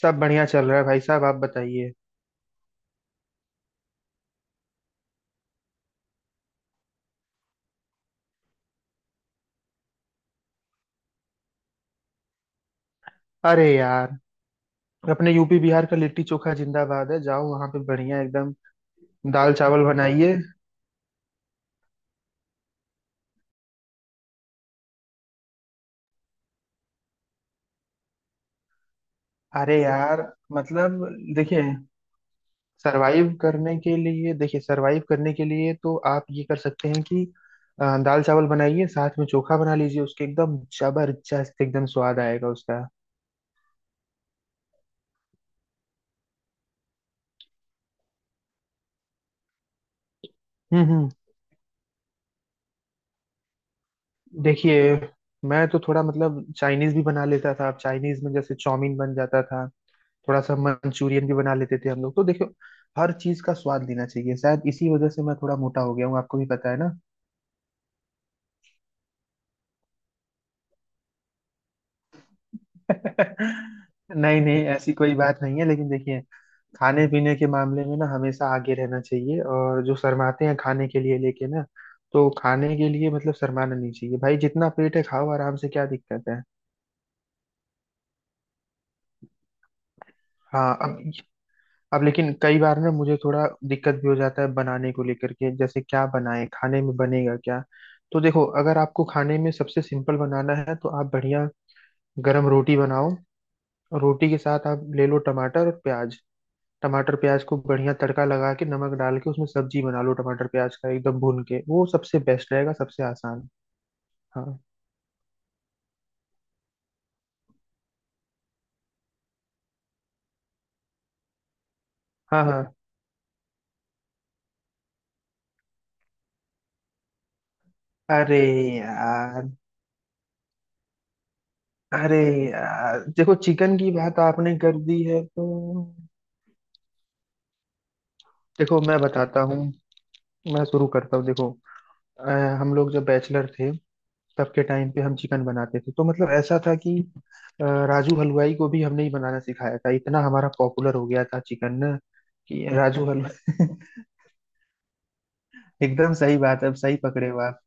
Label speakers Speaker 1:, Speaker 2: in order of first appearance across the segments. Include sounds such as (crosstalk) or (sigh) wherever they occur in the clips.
Speaker 1: सब बढ़िया चल रहा है भाई साहब, आप बताइए। अरे यार, अपने यूपी बिहार का लिट्टी चोखा जिंदाबाद है। जाओ वहां पे बढ़िया एकदम दाल चावल बनाइए। अरे यार, मतलब देखिए, सरवाइव करने के लिए, देखिए सरवाइव करने के लिए तो आप ये कर सकते हैं कि दाल चावल बनाइए, साथ में चोखा बना लीजिए उसके। एकदम जबरदस्त, एकदम स्वाद आएगा उसका। हम्म। देखिए, मैं तो थोड़ा मतलब चाइनीज भी बना लेता था। अब चाइनीज में जैसे चाउमीन बन जाता था, थोड़ा सा मंचूरियन भी बना लेते थे हम लोग। तो देखो, हर चीज का स्वाद लेना चाहिए। शायद इसी वजह से मैं थोड़ा मोटा हो गया हूँ, आपको भी पता है ना। (laughs) नहीं नहीं, ऐसी कोई बात नहीं है, लेकिन देखिए, खाने पीने के मामले में ना हमेशा आगे रहना चाहिए। और जो शर्माते हैं खाने के लिए लेके ना, तो खाने के लिए मतलब शर्माना नहीं चाहिए भाई। जितना पेट है खाओ आराम से, क्या दिक्कत है। हाँ, अब लेकिन कई बार ना मुझे थोड़ा दिक्कत भी हो जाता है बनाने को लेकर के, जैसे क्या बनाएं, खाने में बनेगा क्या। तो देखो, अगर आपको खाने में सबसे सिंपल बनाना है, तो आप बढ़िया गरम रोटी बनाओ। और रोटी के साथ आप ले लो टमाटर और प्याज। टमाटर प्याज को बढ़िया तड़का लगा के, नमक डाल के उसमें सब्जी बना लो। टमाटर प्याज का एकदम भून के, वो सबसे बेस्ट रहेगा, सबसे आसान। हाँ हाँ हाँ। अरे यार, अरे यार देखो, चिकन की बात आपने कर दी है तो देखो मैं बताता हूँ, मैं शुरू करता हूँ। देखो, अ, हम लोग जब बैचलर थे, तब के टाइम पे हम चिकन बनाते थे तो मतलब ऐसा था कि राजू हलवाई को भी हमने ही बनाना सिखाया था। इतना हमारा पॉपुलर हो गया था चिकन ना, कि राजू हलवाई। (laughs) एकदम सही बात है, अब सही पकड़े हो आप।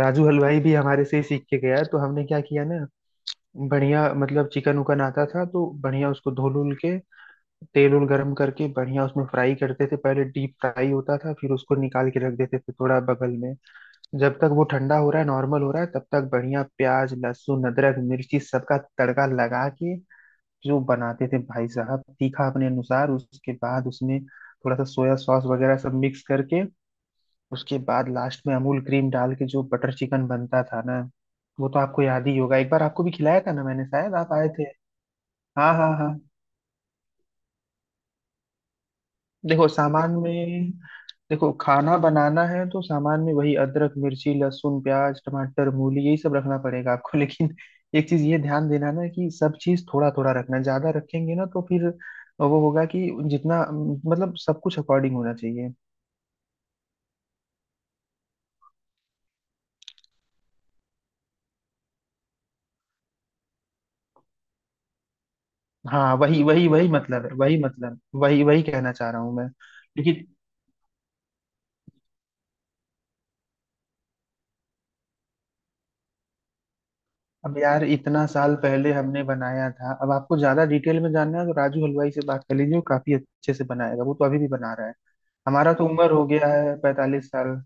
Speaker 1: राजू हलवाई भी हमारे से ही सीख के गया। तो हमने क्या किया ना, बढ़िया मतलब चिकन उकन आता था तो बढ़िया उसको धो लुल के, तेल उल गरम करके बढ़िया उसमें फ्राई करते थे। पहले डीप फ्राई होता था, फिर उसको निकाल के रख देते थे थोड़ा बगल में। जब तक वो ठंडा हो रहा है, नॉर्मल हो रहा है, तब तक बढ़िया प्याज लहसुन अदरक मिर्ची सबका तड़का लगा के जो बनाते थे भाई साहब, तीखा अपने अनुसार। उसके बाद उसमें थोड़ा सा सोया सॉस वगैरह सब मिक्स करके, उसके बाद लास्ट में अमूल क्रीम डाल के जो बटर चिकन बनता था ना, वो तो आपको याद ही होगा। एक बार आपको भी खिलाया था ना मैंने, शायद आप आए थे। हाँ हाँ हाँ। देखो सामान में, देखो खाना बनाना है तो सामान में वही अदरक मिर्ची लहसुन प्याज टमाटर मूली यही सब रखना पड़ेगा आपको। (laughs) लेकिन एक चीज ये ध्यान देना ना, कि सब चीज थोड़ा थोड़ा रखना। ज्यादा रखेंगे ना तो फिर वो होगा कि जितना मतलब, सब कुछ अकॉर्डिंग होना चाहिए। हाँ वही वही वही मतलब है, वही मतलब, वही वही कहना चाह रहा हूँ मैं, क्योंकि अब यार इतना साल पहले हमने बनाया था। अब आपको ज्यादा डिटेल में जानना है तो राजू हलवाई से बात कर लीजिए, वो काफी अच्छे से बनाएगा, वो तो अभी भी बना रहा है। हमारा तो उम्र हो गया है, 45 साल।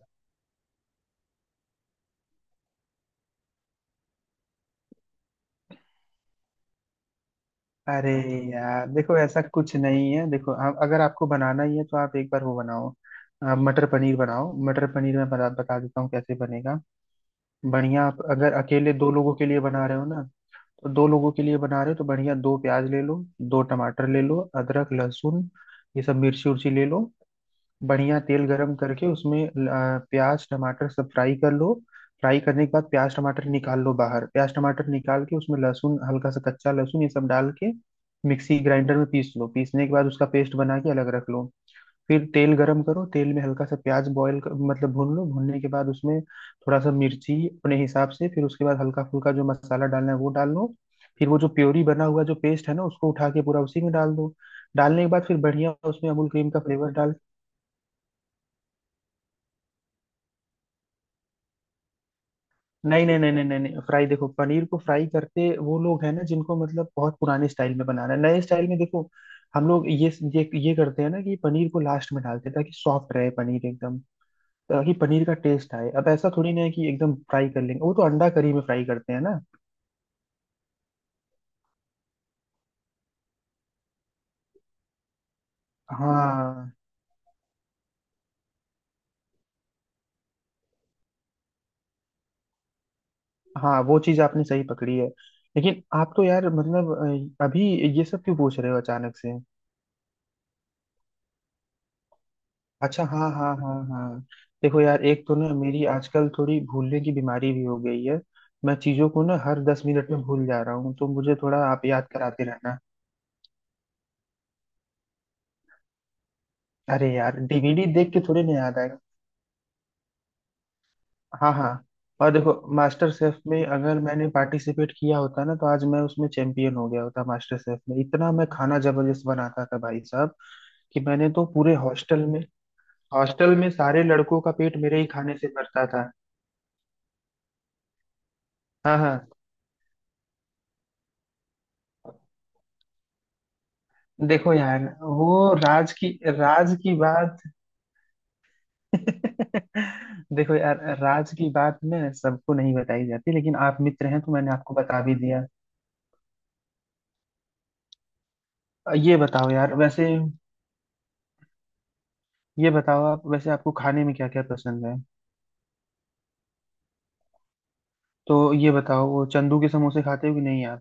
Speaker 1: अरे यार देखो, ऐसा कुछ नहीं है। देखो आप, अगर आपको बनाना ही है तो आप एक बार वो बनाओ, आप मटर पनीर बनाओ। मटर पनीर मैं बता देता हूँ कैसे बनेगा। बढ़िया, आप अगर अकेले दो लोगों के लिए बना रहे हो ना, तो दो लोगों के लिए बना रहे हो तो बढ़िया दो प्याज ले लो, दो टमाटर ले लो, अदरक लहसुन ये सब, मिर्ची उर्ची ले लो। बढ़िया तेल गरम करके उसमें प्याज टमाटर सब फ्राई कर लो। फ्राई करने के बाद प्याज टमाटर निकाल लो बाहर। प्याज टमाटर निकाल के उसमें लहसुन, हल्का सा कच्चा लहसुन ये सब डाल के मिक्सी ग्राइंडर में पीस लो। पीसने के बाद उसका पेस्ट बना के अलग रख लो। फिर तेल गरम करो, तेल में हल्का सा प्याज मतलब भून लो। भूनने के बाद उसमें थोड़ा सा मिर्ची अपने हिसाब से, फिर उसके बाद हल्का फुल्का जो मसाला डालना है वो डाल लो। फिर वो जो प्योरी बना हुआ, जो पेस्ट है ना, उसको उठा के पूरा उसी में डाल दो। डालने के बाद फिर बढ़िया उसमें अमूल क्रीम का फ्लेवर डाल। नहीं नहीं नहीं नहीं नहीं नहीं, फ्राई, देखो पनीर को फ्राई करते वो लोग हैं ना जिनको मतलब बहुत पुराने स्टाइल में बनाना है। नए स्टाइल में देखो हम लोग ये करते हैं ना, कि पनीर को लास्ट में डालते हैं ताकि सॉफ्ट रहे पनीर एकदम, ताकि पनीर का टेस्ट आए। अब ऐसा थोड़ी ना है कि एकदम फ्राई कर लेंगे, वो तो अंडा करी में फ्राई करते हैं ना। हाँ, हाँ वो चीज आपने सही पकड़ी है। लेकिन आप तो यार मतलब, अभी ये सब क्यों पूछ रहे हो अचानक से। अच्छा, हाँ हाँ हाँ हाँ। देखो यार, एक तो ना मेरी आजकल थोड़ी भूलने की बीमारी भी हो गई है, मैं चीजों को ना हर 10 मिनट में भूल जा रहा हूँ। तो मुझे थोड़ा आप याद कराते रहना। अरे यार, डीवीडी देख के थोड़े ना याद आएगा। हाँ हाँ। और देखो, मास्टर शेफ में अगर मैंने पार्टिसिपेट किया होता ना, तो आज मैं उसमें चैंपियन हो गया होता। मास्टर शेफ में, इतना मैं खाना जबरदस्त बनाता था भाई साहब। कि मैंने तो पूरे हॉस्टल में, हॉस्टल में सारे लड़कों का पेट मेरे ही खाने से भरता था। हाँ हाँ। देखो यार, वो राज की बात। (laughs) देखो यार, राज की बात न सबको नहीं बताई जाती, लेकिन आप मित्र हैं तो मैंने आपको बता भी दिया। ये बताओ यार वैसे, ये बताओ आप, वैसे आपको खाने में क्या क्या पसंद है। तो ये बताओ वो चंदू के समोसे खाते हो कि नहीं आप।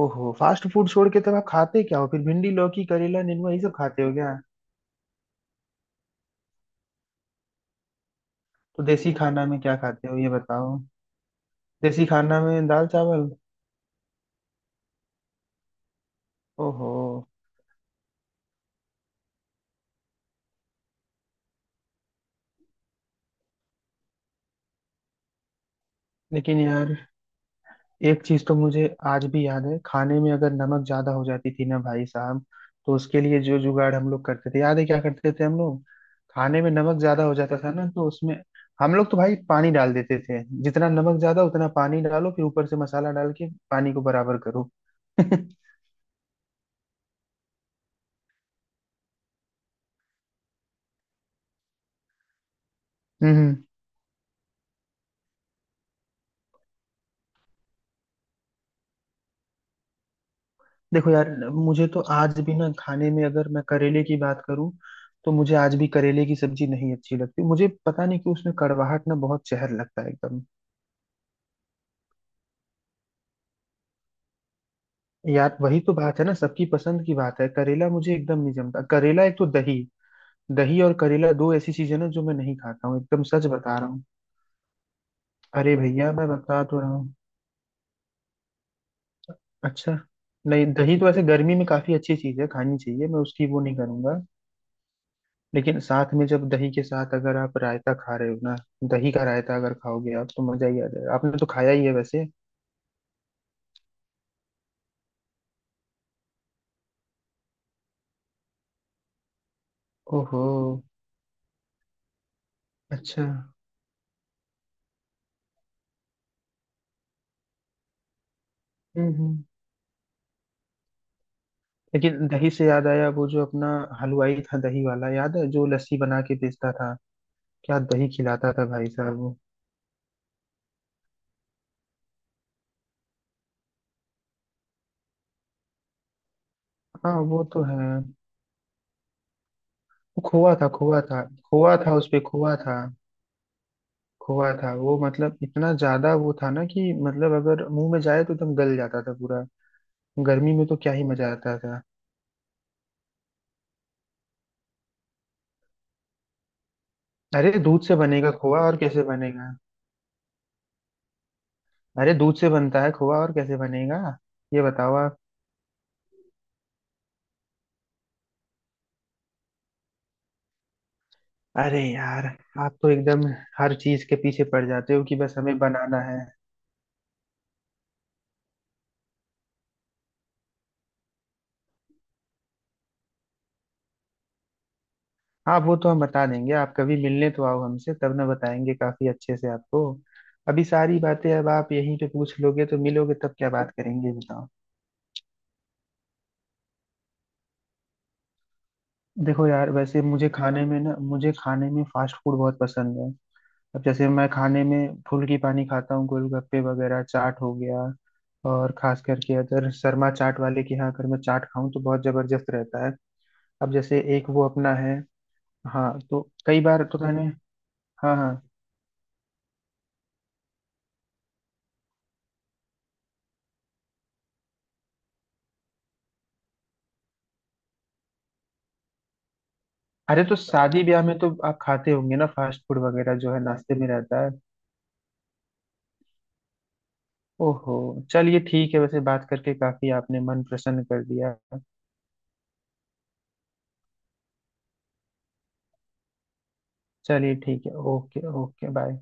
Speaker 1: ओहो, फास्ट फूड छोड़ के तब आप खाते क्या हो फिर, भिंडी लौकी करेला नेनुआ ये सब खाते हो क्या। तो देसी खाना में क्या खाते हो ये बताओ। देसी खाना में दाल चावल। ओहो। लेकिन यार, एक चीज तो मुझे आज भी याद है। खाने में अगर नमक ज्यादा हो जाती थी ना भाई साहब, तो उसके लिए जो जुगाड़ हम लोग करते थे, याद है क्या करते थे हम लोग। खाने में नमक ज्यादा हो जाता था ना, तो उसमें हम लोग तो भाई पानी डाल देते थे। जितना नमक ज्यादा, उतना पानी डालो, फिर ऊपर से मसाला डाल के पानी को बराबर करो। (laughs) हम्म। देखो यार, मुझे तो आज भी ना, खाने में अगर मैं करेले की बात करूं, तो मुझे आज भी करेले की सब्जी नहीं अच्छी लगती। मुझे पता नहीं कि उसमें कड़वाहट ना, बहुत जहर लगता है। यार वही तो बात है ना, सबकी पसंद की बात है। करेला मुझे एकदम नहीं जमता, करेला एक, तो दही, दही और करेला दो ऐसी चीजें ना जो मैं नहीं खाता हूँ, एकदम सच बता रहा हूँ। अरे भैया मैं बता तो रहा हूँ। अच्छा, नहीं दही तो ऐसे गर्मी में काफी अच्छी चीज है, खानी चाहिए, मैं उसकी वो नहीं करूंगा। लेकिन साथ में जब दही के साथ अगर आप रायता खा रहे हो ना, दही का रायता अगर खाओगे आप तो मजा ही आ जाएगा, आपने तो खाया ही है वैसे। ओहो, अच्छा। हम्म। लेकिन दही से याद आया, वो जो अपना हलवाई था दही वाला, याद है जो लस्सी बना के बेचता था, क्या दही खिलाता था भाई साहब वो। हाँ वो तो है। वो खोआ था, खोआ था, खोआ था, उसपे खोआ था, खोआ था वो, मतलब इतना ज्यादा वो था ना कि मतलब अगर मुंह में जाए तो एकदम गल जाता था पूरा। गर्मी में तो क्या ही मजा आता था। अरे दूध से बनेगा खोआ, और कैसे बनेगा। अरे दूध से बनता है खोआ, और कैसे बनेगा, ये बताओ आप। अरे यार, आप तो एकदम हर चीज के पीछे पड़ जाते हो कि बस हमें बनाना है। हाँ वो तो हम बता देंगे, आप कभी मिलने तो आओ हमसे, तब ना बताएंगे काफी अच्छे से आपको। अभी सारी बातें अब आप यहीं पे पूछ लोगे, तो मिलोगे तब क्या बात करेंगे बताओ। देखो यार, वैसे मुझे खाने में ना, मुझे खाने में फास्ट फूड बहुत पसंद है। अब जैसे मैं खाने में फुल्की पानी खाता हूँ, गोलगप्पे वगैरह, चाट हो गया। और खास करके अगर शर्मा चाट वाले के यहाँ अगर मैं चाट खाऊं, तो बहुत जबरदस्त रहता है। अब जैसे एक वो अपना है, हाँ तो कई बार तो मैंने, हाँ हाँ। अरे तो शादी ब्याह में तो आप खाते होंगे ना फास्ट फूड वगैरह जो है नाश्ते में रहता है। ओहो, चलिए ठीक है, वैसे बात करके काफी आपने मन प्रसन्न कर दिया। चलिए ठीक है, ओके ओके बाय।